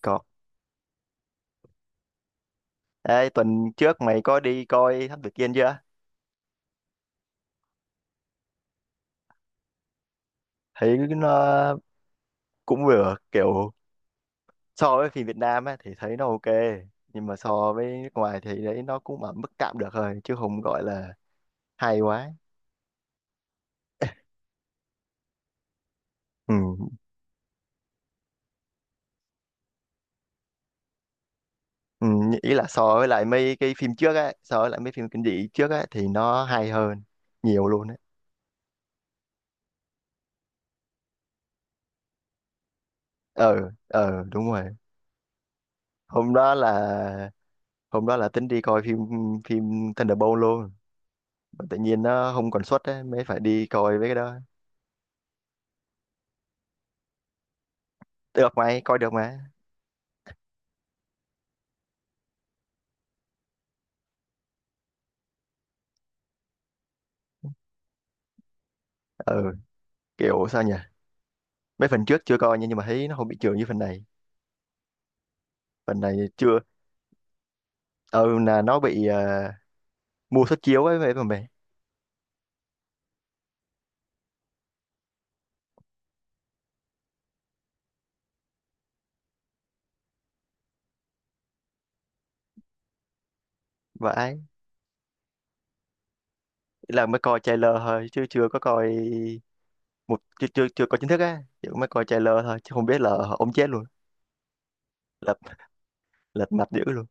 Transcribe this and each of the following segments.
Có. Ê, tuần trước mày có đi coi Thám Tử Kiên chưa? Thấy nó cũng vừa kiểu so với phim Việt Nam á thì thấy nó ok. Nhưng mà so với nước ngoài thì đấy nó cũng ở mức tạm được thôi chứ không gọi là hay quá. Ừ. Ừ. Ý là so với lại mấy cái phim trước á, so với lại mấy phim kinh dị trước á thì nó hay hơn nhiều luôn á. Ờ, ờ đúng rồi. Hôm đó là hôm đó là tính đi coi phim phim Thunderbolt luôn. Mà tự nhiên nó không còn suất á mới phải đi coi với cái đó. Được mày, coi được mà. Ừ, kiểu sao nhỉ? Mấy phần trước chưa coi nha, nhưng mà thấy nó không bị trường như phần này. Phần này chưa. Ừ là nó bị mua suất chiếu ấy vậy mà mày. Vãi, là mới coi trailer thôi chứ chưa có coi một chưa chưa chưa coi chính thức á, chỉ mới coi trailer thôi chứ không biết là ông chết luôn. Lật lật mặt dữ luôn.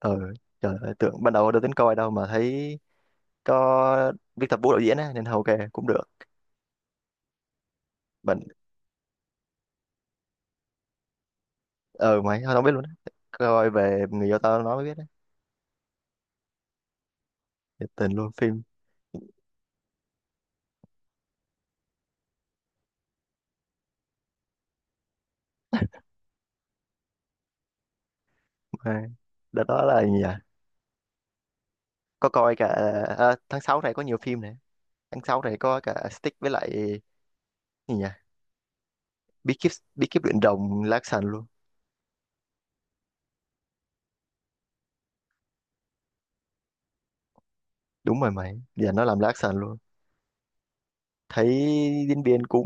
Ừ, trời ơi, tưởng ban đầu đâu tính coi đâu mà thấy có Viết Tập Vũ đạo diễn á nên hầu kề cũng được. Mình ờ mày tao không biết luôn á. Coi về người yêu tao nó mới biết á. Thiệt Tình luôn phim. À, đợt đó là gì nhỉ, có coi cả, à, tháng 6 này có nhiều phim này. Tháng 6 này có cả Stick với lại gì nhỉ, bí kíp, bí kíp luyện đồng lá sàn luôn. Đúng rồi mày, giờ nó làm lá sàn luôn. Thấy diễn viên cũng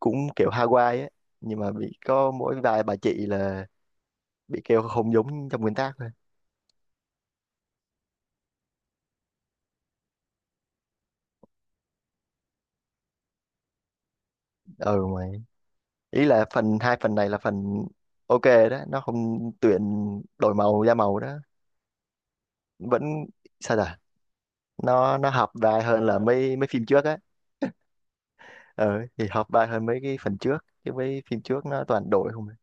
cũng kiểu Hawaii ấy, nhưng mà bị có mỗi vài bà chị là bị kêu không giống trong nguyên tác thôi. Ừ mày, ý là phần hai phần này là phần ok đó. Nó không tuyển đổi màu da màu đó, vẫn sao ta, nó hợp vai hơn là mấy mấy phim trước á. Ờ thì hợp vai hơn mấy cái phần trước, chứ mấy phim trước nó toàn đổi không à.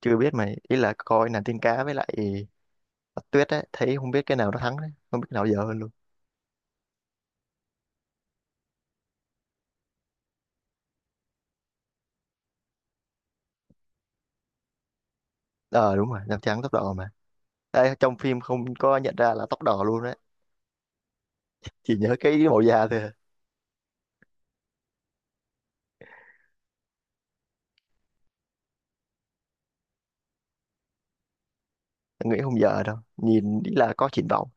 Chưa biết mày, ý là coi nàng tiên cá với lại Bạch Tuyết ấy, thấy không biết cái nào nó thắng đấy, không biết cái nào dở hơn luôn. Ờ đúng rồi, nàng trắng tóc đỏ mà. Ê, trong phim không có nhận ra là tóc đỏ luôn đấy, chỉ nhớ cái màu da thôi à. Nghĩ không dở đâu, nhìn ý là có triển vọng.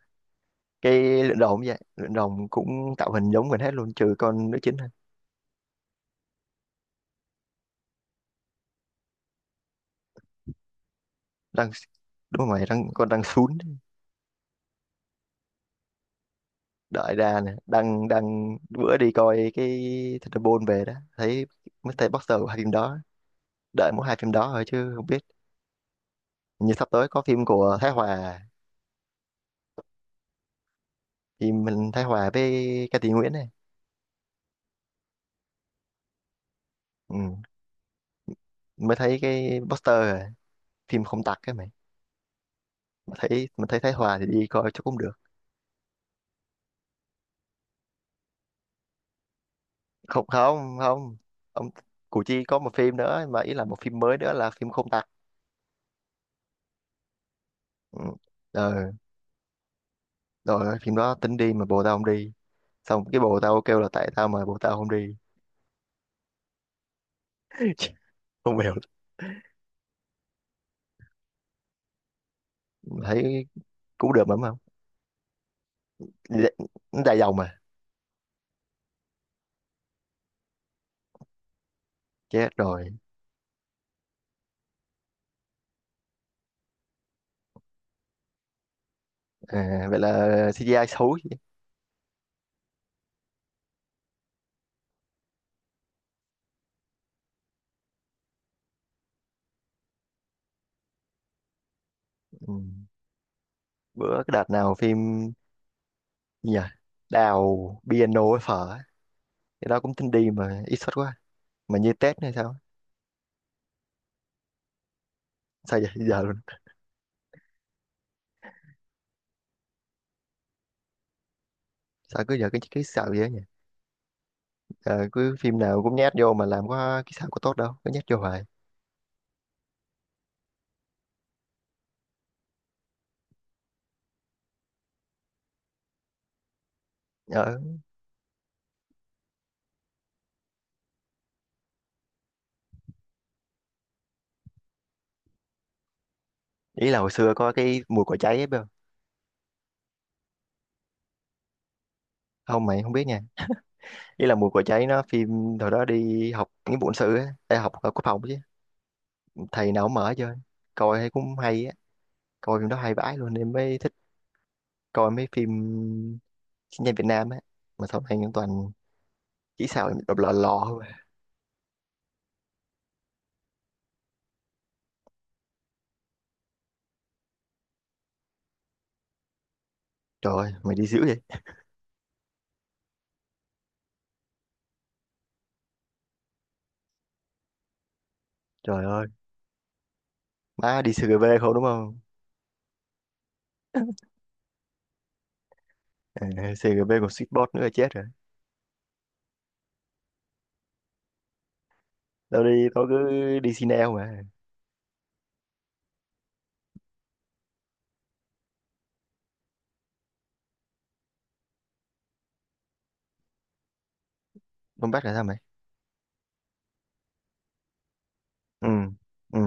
Cái luyện đồng cũng vậy, luyện đồng cũng tạo hình giống mình hết luôn trừ con nữ chính thôi. Đang đúng rồi mày, răng con răng sún. Đợi ra nè, đang đang bữa đi coi cái Thunderbolt về đó, thấy Mr. Boxer của hai phim đó. Đợi mỗi hai phim đó thôi chứ không biết. Như sắp tới có phim của Thái Hòa. Phim mình Thái Hòa với Ca Sĩ Nguyễn này. Ừ. Mới thấy cái poster rồi, phim không tặc cái mày. Mà thấy mà thấy Thái Hòa thì đi coi cho cũng được. Không không không, ông Củ Chi có một phim nữa, mà ý là một phim mới nữa là phim không tặc. Ừ. Ờ, rồi phim đó tính đi mà bồ tao không đi, xong cái bồ tao kêu là tại tao mà bồ tao không đi. Không hiểu. Thấy cú đượm lắm không. Nó dài dòng mà. Chết rồi. À, vậy là CGI xấu chứ. Ừ. Bữa cái đợt nào phim gì nhỉ, đào piano với phở ấy, cái đó cũng tin đi mà ít xuất quá, mà như Tết hay sao. Sao giờ, giờ luôn. Sao cứ giờ cái xạo vậy nhỉ? Ờ, cứ phim nào cũng nhét vô mà làm có cái xạo có tốt đâu, cứ nhét vô hoài. Ờ, ý là hồi xưa có cái mùi cỏ cháy ấy biết không. Không mày không biết nha, ý là mùi cỏ cháy nó phim hồi đó đi học nghĩa vụ quân sự á. Ê, học ở quốc phòng chứ, thầy nào cũng mở chơi, coi thấy cũng hay á. Coi phim đó hay vãi luôn, em mới thích coi mấy phim chiến tranh Việt Nam á, mà sau này những toàn chỉ sao em đọc lò lò thôi mà. Trời ơi mày đi dữ vậy. Trời ơi, má đi CGV không đúng không? À, CGV còn Sweetbot nữa là chết rồi. Tao đi tao cứ đi Cine mà. Không bắt là sao mày? Ừ ừ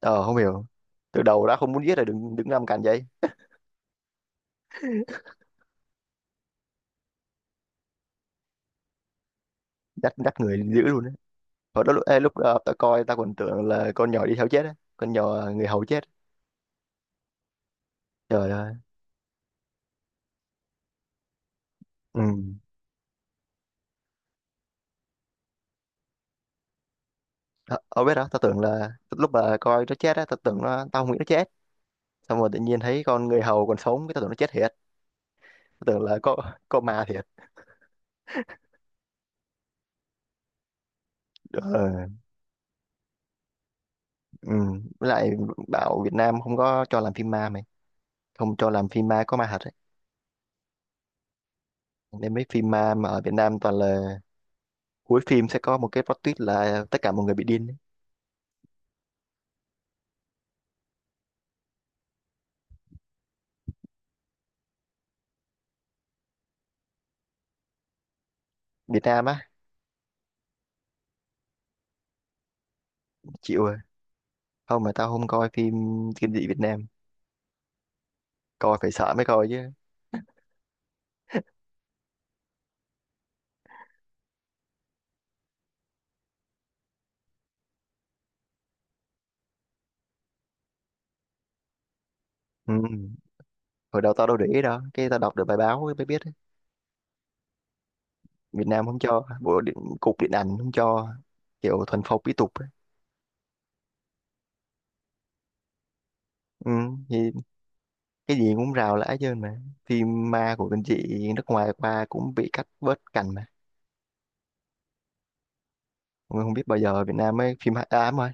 Ờ không hiểu, từ đầu đã không muốn giết rồi đừng đứng làm cạnh vậy. Đắt đắt người dữ luôn á. Hồi đó lúc lúc tao coi tao còn tưởng là con nhỏ đi theo chết á, con nhỏ người hầu chết. Trời ơi. Ừ. Ờ, ở biết đó, tao tưởng là lúc mà coi nó chết á, tao tưởng nó, tao không nghĩ nó chết. Xong rồi tự nhiên thấy con người hầu còn sống, cái tao tưởng nó chết thiệt. Tao tưởng là có ma thiệt. Ờ, ừ. Với lại bảo Việt Nam không có cho làm phim ma mày, không cho làm phim ma có ma thật ấy. Nên mấy phim ma mà ở Việt Nam toàn là cuối phim sẽ có một cái plot twist là tất cả mọi người bị điên ấy. Việt Nam á, chịu rồi. Không mà tao không coi phim kinh dị Việt Nam, coi phải sợ mới coi chứ. Ừ. Hồi đầu tao đâu để ý đâu, cái tao đọc được bài báo mới biết Việt Nam không cho bộ điện, cục điện ảnh không cho, kiểu thuần phong mỹ tục ấy. Ừ, thì cái gì cũng rào lã chứ mà, phim ma của bên chị nước ngoài qua cũng bị cắt bớt cảnh mà. Mà không biết bao giờ Việt Nam mới phim hạ ám đúng rồi.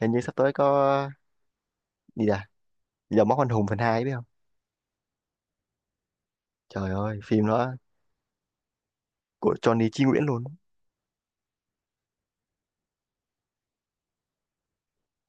Hình như sắp tới có gì à, giờ Móc Anh Hùng phần 2 biết không. Trời ơi phim đó của Johnny Chí Nguyễn luôn.